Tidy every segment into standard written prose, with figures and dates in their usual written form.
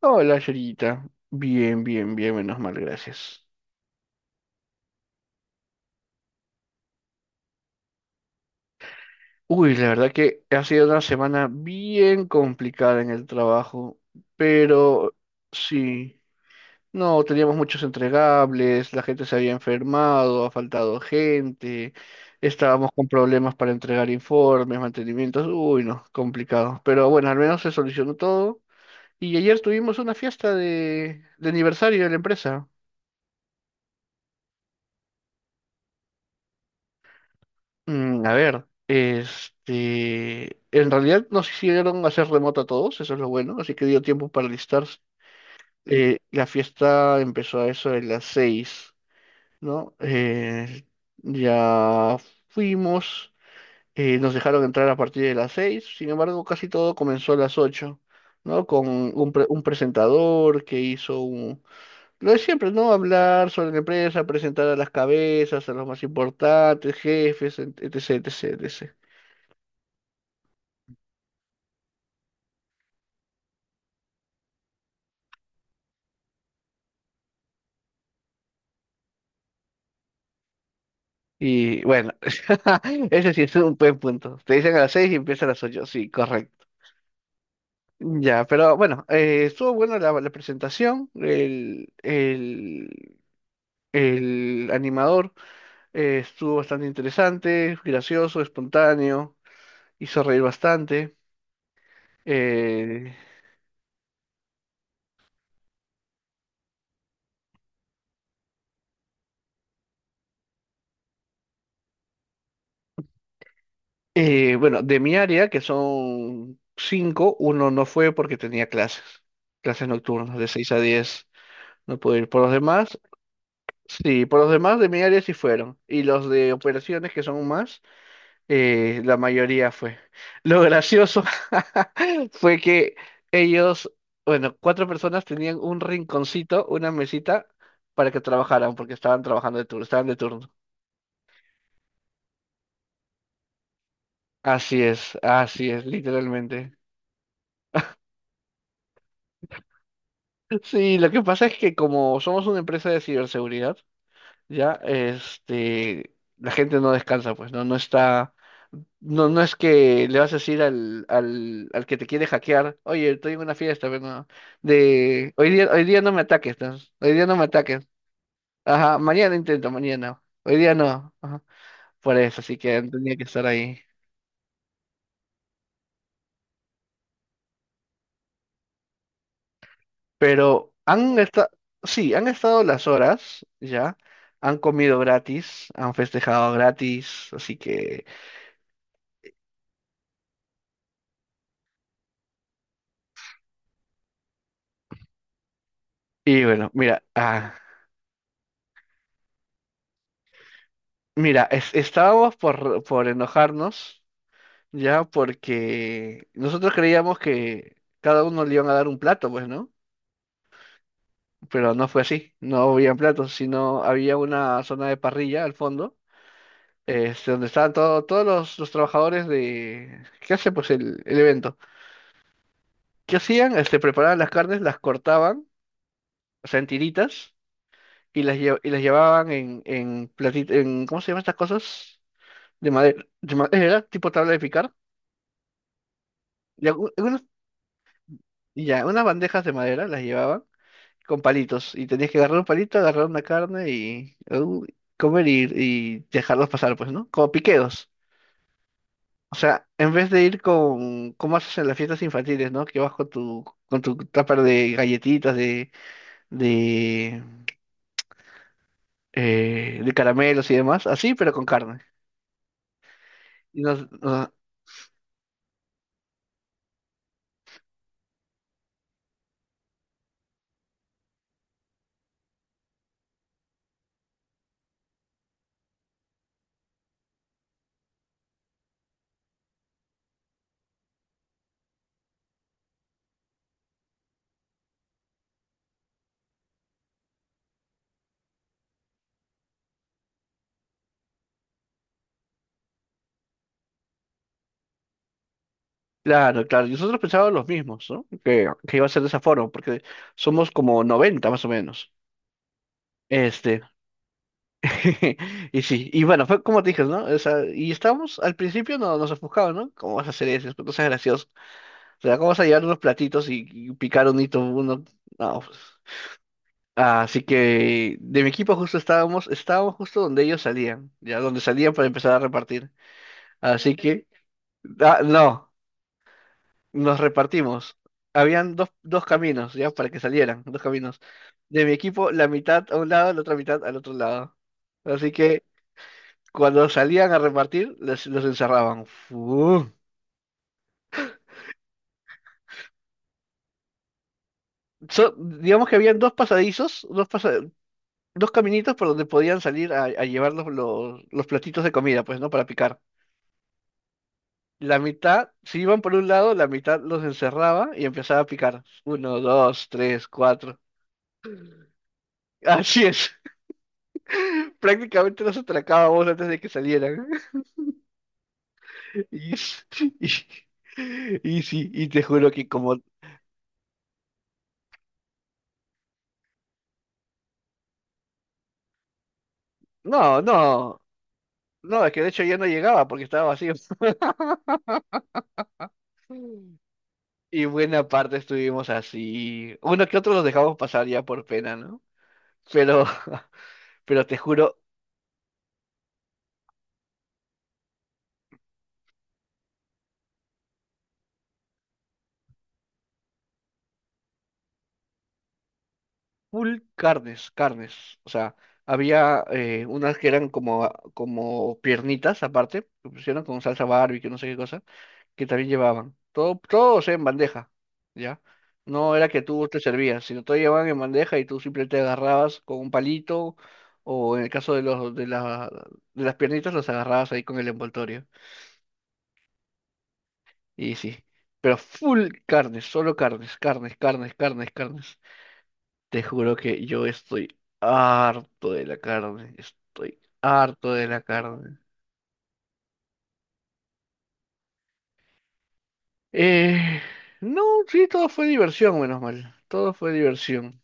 Hola, Yerita. Bien, bien, bien, menos mal, gracias. Uy, la verdad que ha sido una semana bien complicada en el trabajo, pero sí, no, teníamos muchos entregables, la gente se había enfermado, ha faltado gente, estábamos con problemas para entregar informes, mantenimientos, uy, no, complicado. Pero bueno, al menos se solucionó todo. Y ayer tuvimos una fiesta de aniversario de la empresa. A ver, este, en realidad nos hicieron hacer remoto a todos, eso es lo bueno, así que dio tiempo para listarse. La fiesta empezó a eso de las seis, ¿no? Ya fuimos, nos dejaron entrar a partir de las seis, sin embargo, casi todo comenzó a las ocho, ¿no? Con un presentador que hizo un. Lo de siempre, ¿no? Hablar sobre la empresa, presentar a las cabezas, a los más importantes, jefes, etc, etc, etc. Y bueno, ese sí es un buen punto. Te dicen a las seis y empieza a las ocho. Sí, correcto. Ya, pero bueno, estuvo buena la presentación. El animador estuvo bastante interesante, gracioso, espontáneo, hizo reír bastante. Eh, bueno, de mi área, que son cinco, uno no fue porque tenía clases, clases nocturnas de seis a 10. No pude ir por los demás. Sí, por los demás de mi área sí fueron. Y los de operaciones, que son más, la mayoría fue. Lo gracioso fue que ellos, bueno, cuatro personas tenían un rinconcito, una mesita, para que trabajaran, porque estaban trabajando de turno, estaban de turno. Así es, literalmente. Sí, lo que pasa es que como somos una empresa de ciberseguridad, ya, este, la gente no descansa, pues, ¿no? No está. No, no es que le vas a decir al que te quiere hackear, oye, estoy en una fiesta, pero no, de hoy día no me ataques, ¿no? Hoy día no me ataques. Ajá, mañana intento, mañana. Hoy día no. Ajá. Por eso, así que han tenido que estar ahí. Pero han estado, sí, han estado las horas, ya, han comido gratis, han festejado gratis, así que. Y bueno, mira, estábamos por enojarnos. Ya, porque nosotros creíamos que cada uno le iban a dar un plato, pues, ¿no? Pero no fue así, no habían platos, sino había una zona de parrilla al fondo, este, donde estaban todos los trabajadores de. ¿Qué hace, pues, el evento? ¿Qué hacían? Este, preparaban las carnes, las cortaban, o sea, en tiritas, y y las llevaban en platito, ¿cómo se llaman estas cosas? De madera, tipo tabla de picar. Y algu- algunas- y ya, unas bandejas de madera las llevaban con palitos. Y tenías que agarrar un palito, agarrar una carne y comer y dejarlos pasar, pues, ¿no? Como piqueos. O sea, en vez de ir como haces en las fiestas infantiles, ¿no? Que vas con tu tupper de galletitas, de, de caramelos y demás, así, pero con carne. Y nos, nos- claro, claro. Y nosotros pensábamos los mismos ¿no? Que iba a ser de esa forma, porque somos como 90 más o menos. Este. Y sí, y bueno, fue como te dije, ¿no? O sea, y estábamos, al principio no, nos ofuscaba, ¿no? ¿Cómo vas a hacer eso? No seas gracioso. O sea, ¿cómo vas a llevar unos platitos y picar un hito uno? No, pues. Así que de mi equipo justo estábamos justo donde ellos salían, ya donde salían para empezar a repartir. Así que, ah, no, nos repartimos. Habían dos caminos, ya, para que salieran, dos caminos. De mi equipo, la mitad a un lado, la otra mitad al otro lado. Así que cuando salían a repartir, los encerraban. Fu. Digamos que habían dos pasadizos, dos caminitos por donde podían salir a llevar los platitos de comida, pues, ¿no? Para picar. La mitad, si iban por un lado, la mitad los encerraba y empezaba a picar. Uno, dos, tres, cuatro. Así es. Prácticamente los atracábamos antes de que salieran. Y, y, y sí, y te juro que como. No, no, no, es que de hecho ya no llegaba porque estaba vacío. Y buena parte estuvimos así. Uno que otro los dejamos pasar ya por pena, ¿no? Pero, pero te juro, full carnes, carnes. O sea, había unas que eran como piernitas aparte, que pusieron con salsa barbecue, no sé qué cosa, que también llevaban. Todo, todo, o sea, en bandeja, ¿ya? No era que tú te servías, sino todo llevaban en bandeja y tú simplemente agarrabas con un palito, o en el caso de de las piernitas, los agarrabas ahí con el envoltorio. Y sí, pero full carnes, solo carnes, carnes, carnes, carnes, carnes. Te juro que yo estoy harto de la carne, estoy harto de la carne. Eh, no, sí, todo fue diversión, menos mal, todo fue diversión.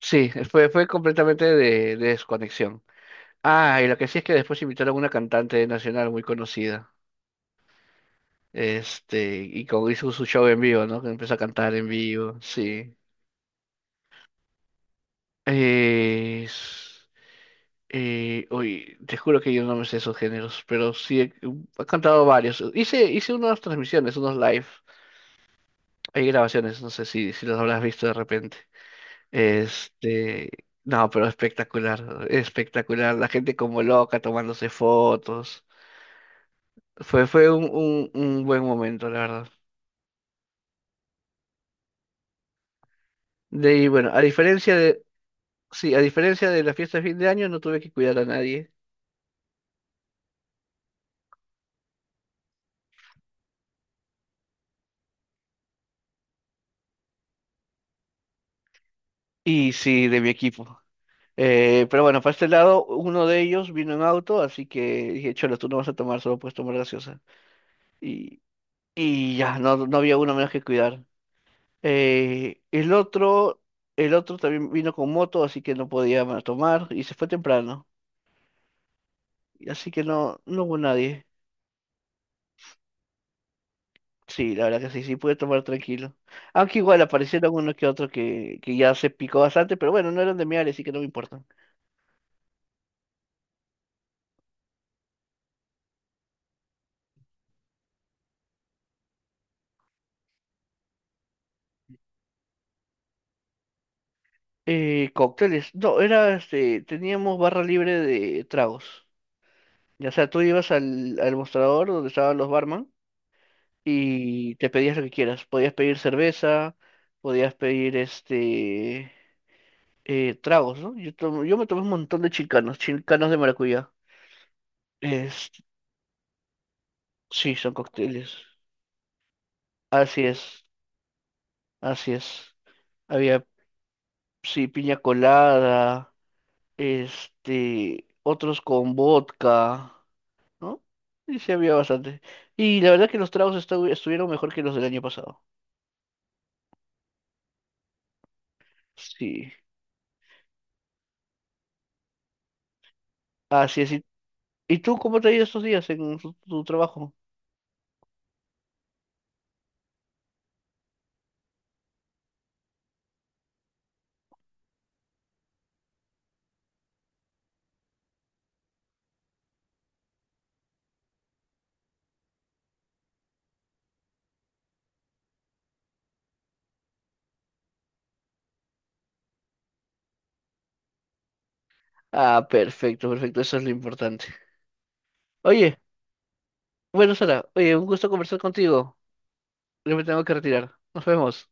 Sí, fue completamente de desconexión. Ah, y lo que sí es que después invitaron a una cantante nacional muy conocida. Este, y como hizo su show en vivo, ¿no? Que empezó a cantar en vivo, sí. Eh, Uy, te juro que yo no me sé esos géneros, pero sí he cantado varios. Hice unas transmisiones, unos live. Hay grabaciones, no sé si los habrás visto de repente. Este, no, pero espectacular, espectacular. La gente como loca tomándose fotos. Fue un buen momento, la verdad. De ahí, bueno, sí, a diferencia de la fiesta de fin de año, no tuve que cuidar a nadie. Y sí, de mi equipo. Pero bueno, para este lado, uno de ellos vino en auto, así que dije, Cholo, tú no vas a tomar, solo puedes tomar gaseosa. Y, y ya, no, no había uno menos que cuidar. Eh, el otro, el otro también vino con moto, así que no podía tomar y se fue temprano. Y así que no, no hubo nadie. Sí, la verdad que sí, sí pude tomar tranquilo. Aunque igual aparecieron uno que otro que ya se picó bastante, pero bueno, no eran de mi área, así que no me importan. Cócteles, no, era este, teníamos barra libre de tragos. O sea, tú ibas al mostrador donde estaban los barman y te pedías lo que quieras. Podías pedir cerveza, podías pedir este tragos, ¿no? Yo me tomé un montón de chicanos, chicanos de maracuyá. Es, sí, son cócteles. Así es, así es. Había, sí, piña colada, este, otros con vodka, ¿no? Y sí, había bastante. Y la verdad que los tragos estuvieron mejor que los del año pasado. Sí. Así es. ¿Y tú cómo te ha ido estos días en tu trabajo? Ah, perfecto, perfecto, eso es lo importante. Oye, bueno, Sara, oye, un gusto conversar contigo. Yo me tengo que retirar. Nos vemos.